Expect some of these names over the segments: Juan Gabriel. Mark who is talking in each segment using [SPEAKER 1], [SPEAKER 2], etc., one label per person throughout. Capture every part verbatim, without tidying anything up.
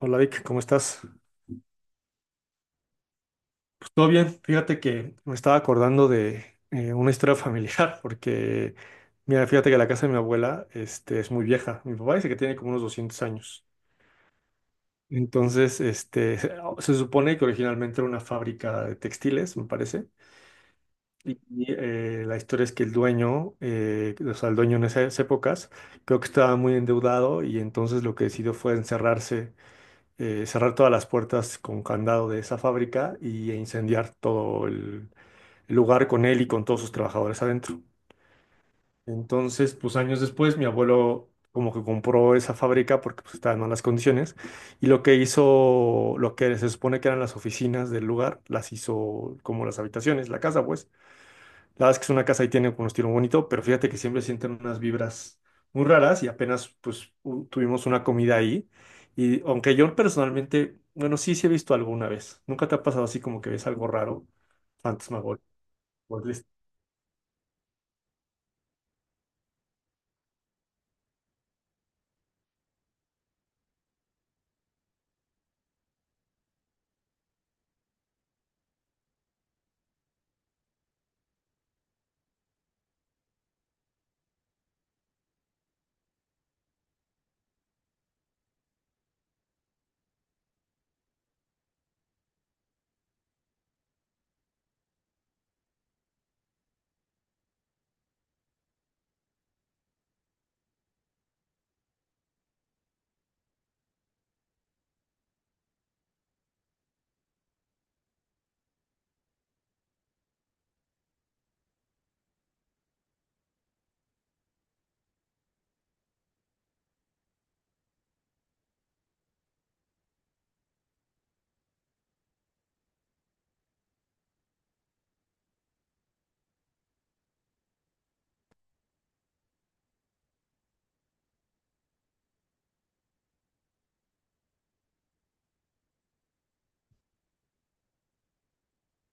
[SPEAKER 1] Hola Vic, ¿cómo estás? Pues todo bien, fíjate que me estaba acordando de eh, una historia familiar, porque mira, fíjate que la casa de mi abuela este, es muy vieja. Mi papá dice que tiene como unos doscientos años. Entonces, este, se, se supone que originalmente era una fábrica de textiles, me parece. Y y, eh, la historia es que el dueño, eh, o sea, el dueño en esas épocas, creo que estaba muy endeudado y entonces lo que decidió fue encerrarse eh, cerrar todas las puertas con candado de esa fábrica y e incendiar todo el, el lugar con él y con todos sus trabajadores adentro. Entonces, pues años después, mi abuelo como que compró esa fábrica porque pues, estaba en malas condiciones y lo que hizo, lo que se supone que eran las oficinas del lugar, las hizo como las habitaciones, la casa, pues. La verdad es que es una casa y tiene un estilo muy bonito, pero fíjate que siempre sienten unas vibras muy raras y apenas pues u- tuvimos una comida ahí. Y aunque yo personalmente, bueno, sí, sí he visto alguna vez. ¿Nunca te ha pasado así como que ves algo raro? Fantasmagórico.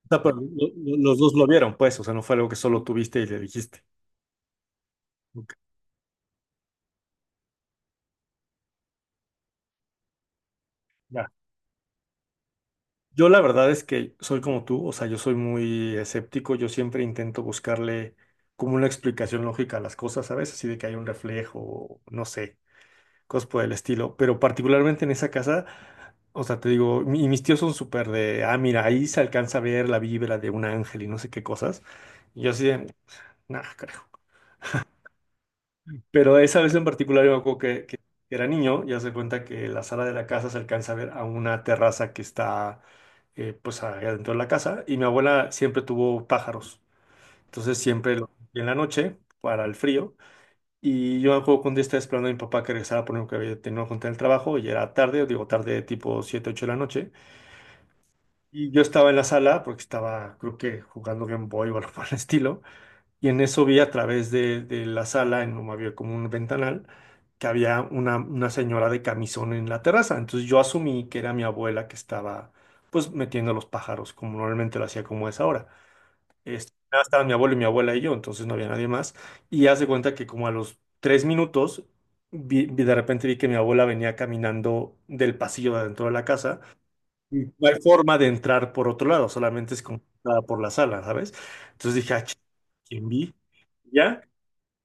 [SPEAKER 1] O sea, pero lo- lo- los dos lo vieron, pues, o sea, no fue algo que solo tuviste y le dijiste. Ok, ya. Yo la verdad es que soy como tú, o sea, yo soy muy escéptico, yo siempre intento buscarle como una explicación lógica a las cosas, ¿sabes? Así de que hay un reflejo, no sé, cosas por el estilo. Pero particularmente en esa casa, o sea, te digo, mi- y mis tíos son súper de, ah, mira, ahí se alcanza a ver la vibra de un ángel y no sé qué cosas. Y yo así de, nah, carajo. Pero esa vez en particular, yo me acuerdo que, que era niño, ya se cuenta que la sala de la casa se alcanza a ver a una terraza que está, eh, pues, adentro de la casa. Y mi abuela siempre tuvo pájaros. Entonces, siempre lo- en la noche, para el frío. Y yo me acuerdo que un día estaba esperando a mi papá que regresara por lo que había tenido que contar el trabajo, y era tarde, digo tarde tipo siete ocho de la noche. Y yo estaba en la sala porque estaba, creo que jugando Game Boy o algo por el estilo. Y en eso vi a través de, de la sala, en un, había como un ventanal, que había una, una señora de camisón en la terraza. Entonces yo asumí que era mi abuela que estaba, pues, metiendo los pájaros, como normalmente lo hacía como es ahora. Este, nada, estaban mi abuelo y mi abuela y yo, entonces no había nadie más. Y hace cuenta que como a los tres minutos, vi- vi- de repente vi que mi abuela venía caminando del pasillo de adentro de la casa. Y no hay forma de entrar por otro lado, solamente es como entrada por la sala, ¿sabes? Entonces dije, ah, ch- ¿quién vi? Ya,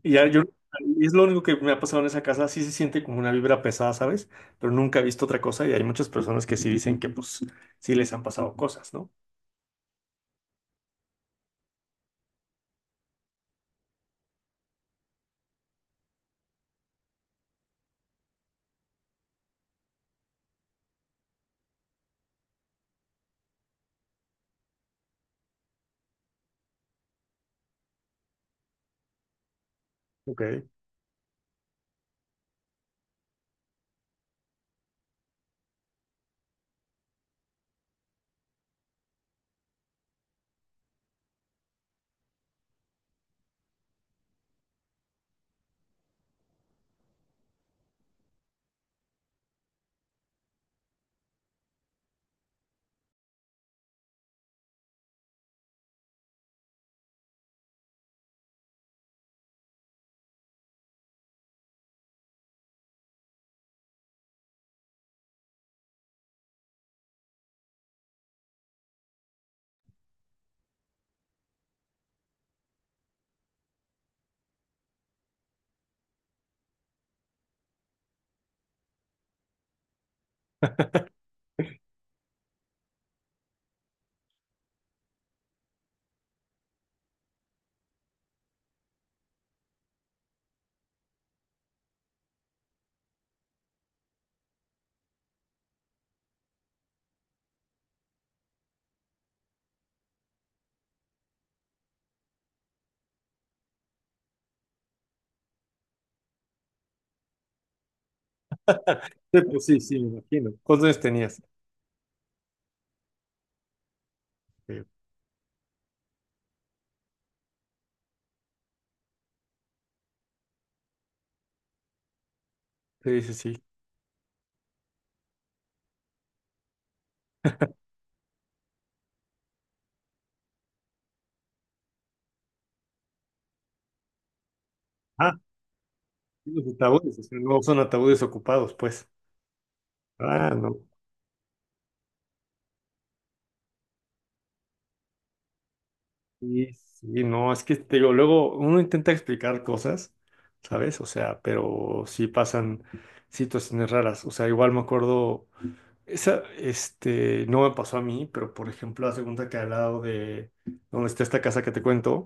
[SPEAKER 1] y ya yo, es lo único que me ha pasado en esa casa, sí se siente como una vibra pesada, ¿sabes? Pero nunca he visto otra cosa y hay muchas personas que sí dicen que pues sí les han pasado cosas, ¿no? Ok. Sí, pues sí, sí, me imagino. ¿Cuántos años tenías? Eh, Sí, sí, sí. Ah, los ataúdes, o sea, no son ataúdes ocupados, pues. Ah, no. Sí, sí, no, es que te digo, luego uno intenta explicar cosas, ¿sabes? O sea, pero sí pasan situaciones raras. O sea, igual me acuerdo, esa, este, no me pasó a mí, pero por ejemplo, la segunda que al lado de donde está esta casa que te cuento,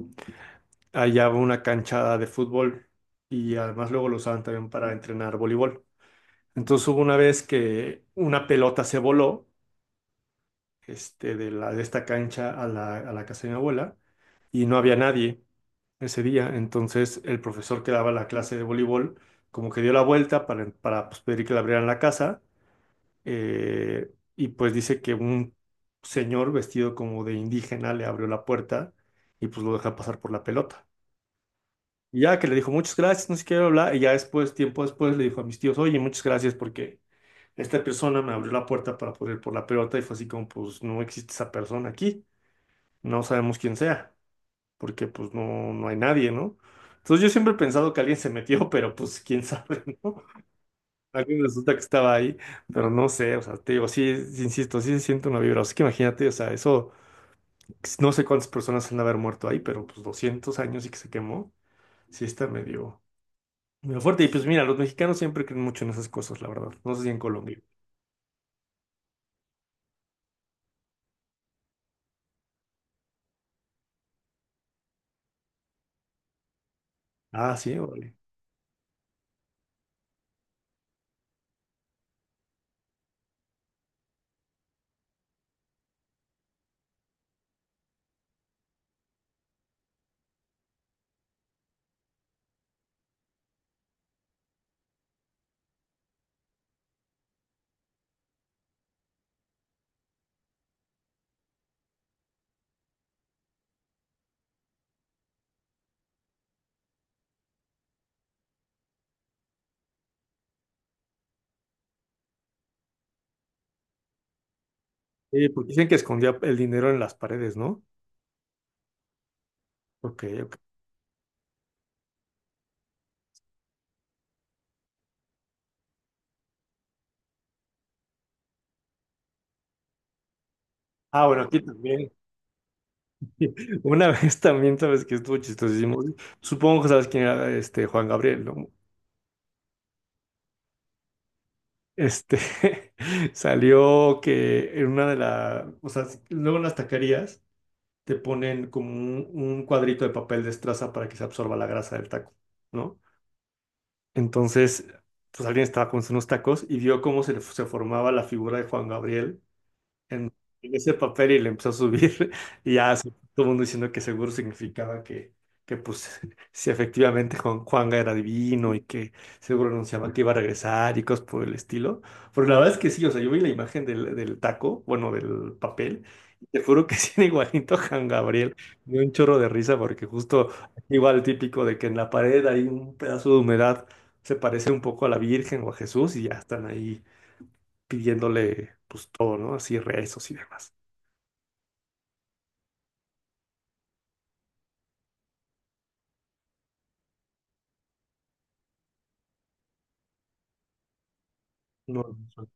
[SPEAKER 1] allá había una cancha de fútbol y además luego lo usaban también para entrenar voleibol. Entonces hubo una vez que una pelota se voló este, de la, de esta cancha a la, a la casa de mi abuela y no había nadie ese día. Entonces el profesor que daba la clase de voleibol como que dio la vuelta para, para pues, pedir que le abrieran la casa, eh, y pues dice que un señor vestido como de indígena le abrió la puerta y pues lo deja pasar por la pelota. Y ya que le dijo muchas gracias, no sé qué, bla, bla, y ya después, tiempo después, le dijo a mis tíos, oye, muchas gracias porque esta persona me abrió la puerta para poder ir por la pelota y fue así como, pues no existe esa persona aquí, no sabemos quién sea, porque pues no, no hay nadie, ¿no? Entonces yo siempre he pensado que alguien se metió, pero pues quién sabe, ¿no? Alguien resulta que estaba ahí, pero no sé, o sea, te digo, sí, insisto, sí se siente una vibra, así que imagínate, o sea, eso, pues, no sé cuántas personas han de haber muerto ahí, pero pues doscientos años y que se quemó, sí está medio, medio fuerte. Y pues mira, los mexicanos siempre creen mucho en esas cosas, la verdad, no sé si en Colombia. Ah, sí, vale. Sí, porque dicen que escondía el dinero en las paredes, ¿no? Ok, ok. Ah, bueno, aquí también. Una vez también, sabes que estuvo chistosísimo. Supongo que sabes quién era este Juan Gabriel, ¿no? Este salió que en una de las, o sea, luego en las taquerías te ponen como un, un cuadrito de papel de estraza para que se absorba la grasa del taco, ¿no? Entonces, pues alguien estaba con unos tacos y vio cómo se, le- se formaba la figura de Juan Gabriel en en ese papel y le empezó a subir y ya se- todo el mundo diciendo que seguro significaba que, que pues si efectivamente Juan, Juanga era divino y que seguro anunciaba que iba a regresar y cosas por el estilo. Pero la verdad es que sí, o sea, yo vi la imagen del, del taco, bueno, del papel, y te juro que sí era igualito a Juan Gabriel. Me dio un chorro de risa porque justo igual típico de que en la pared hay un pedazo de humedad, se parece un poco a la Virgen o a Jesús y ya están ahí pidiéndole pues todo, ¿no? Así rezos y demás. No, ok,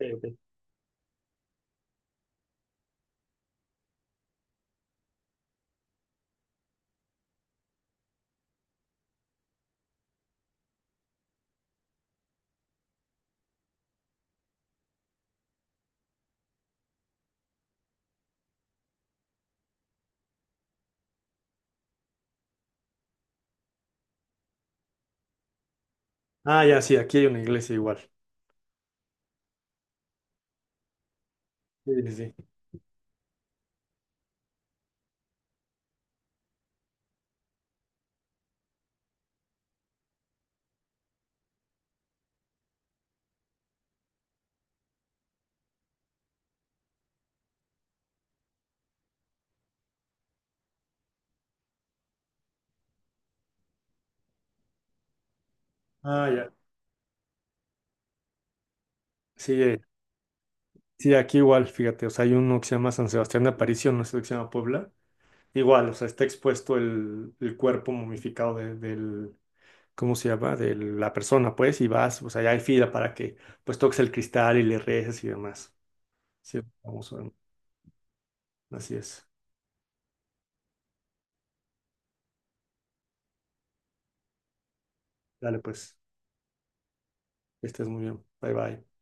[SPEAKER 1] ok. Ah, ya, sí, aquí hay una iglesia igual. Sí, sí, sí. Ah, ya. Sí, eh, sí, aquí igual, fíjate, o sea, hay uno que se llama San Sebastián de Aparición, no sé que se llama Puebla. Igual, o sea, está expuesto el, el cuerpo momificado de- del, ¿cómo se llama? De la persona, pues, y vas, o sea, ya hay fila para que, pues, toques el cristal y le reces y demás. Sí, vamos, así es. Dale, pues, que estés muy bien. Bye, bye.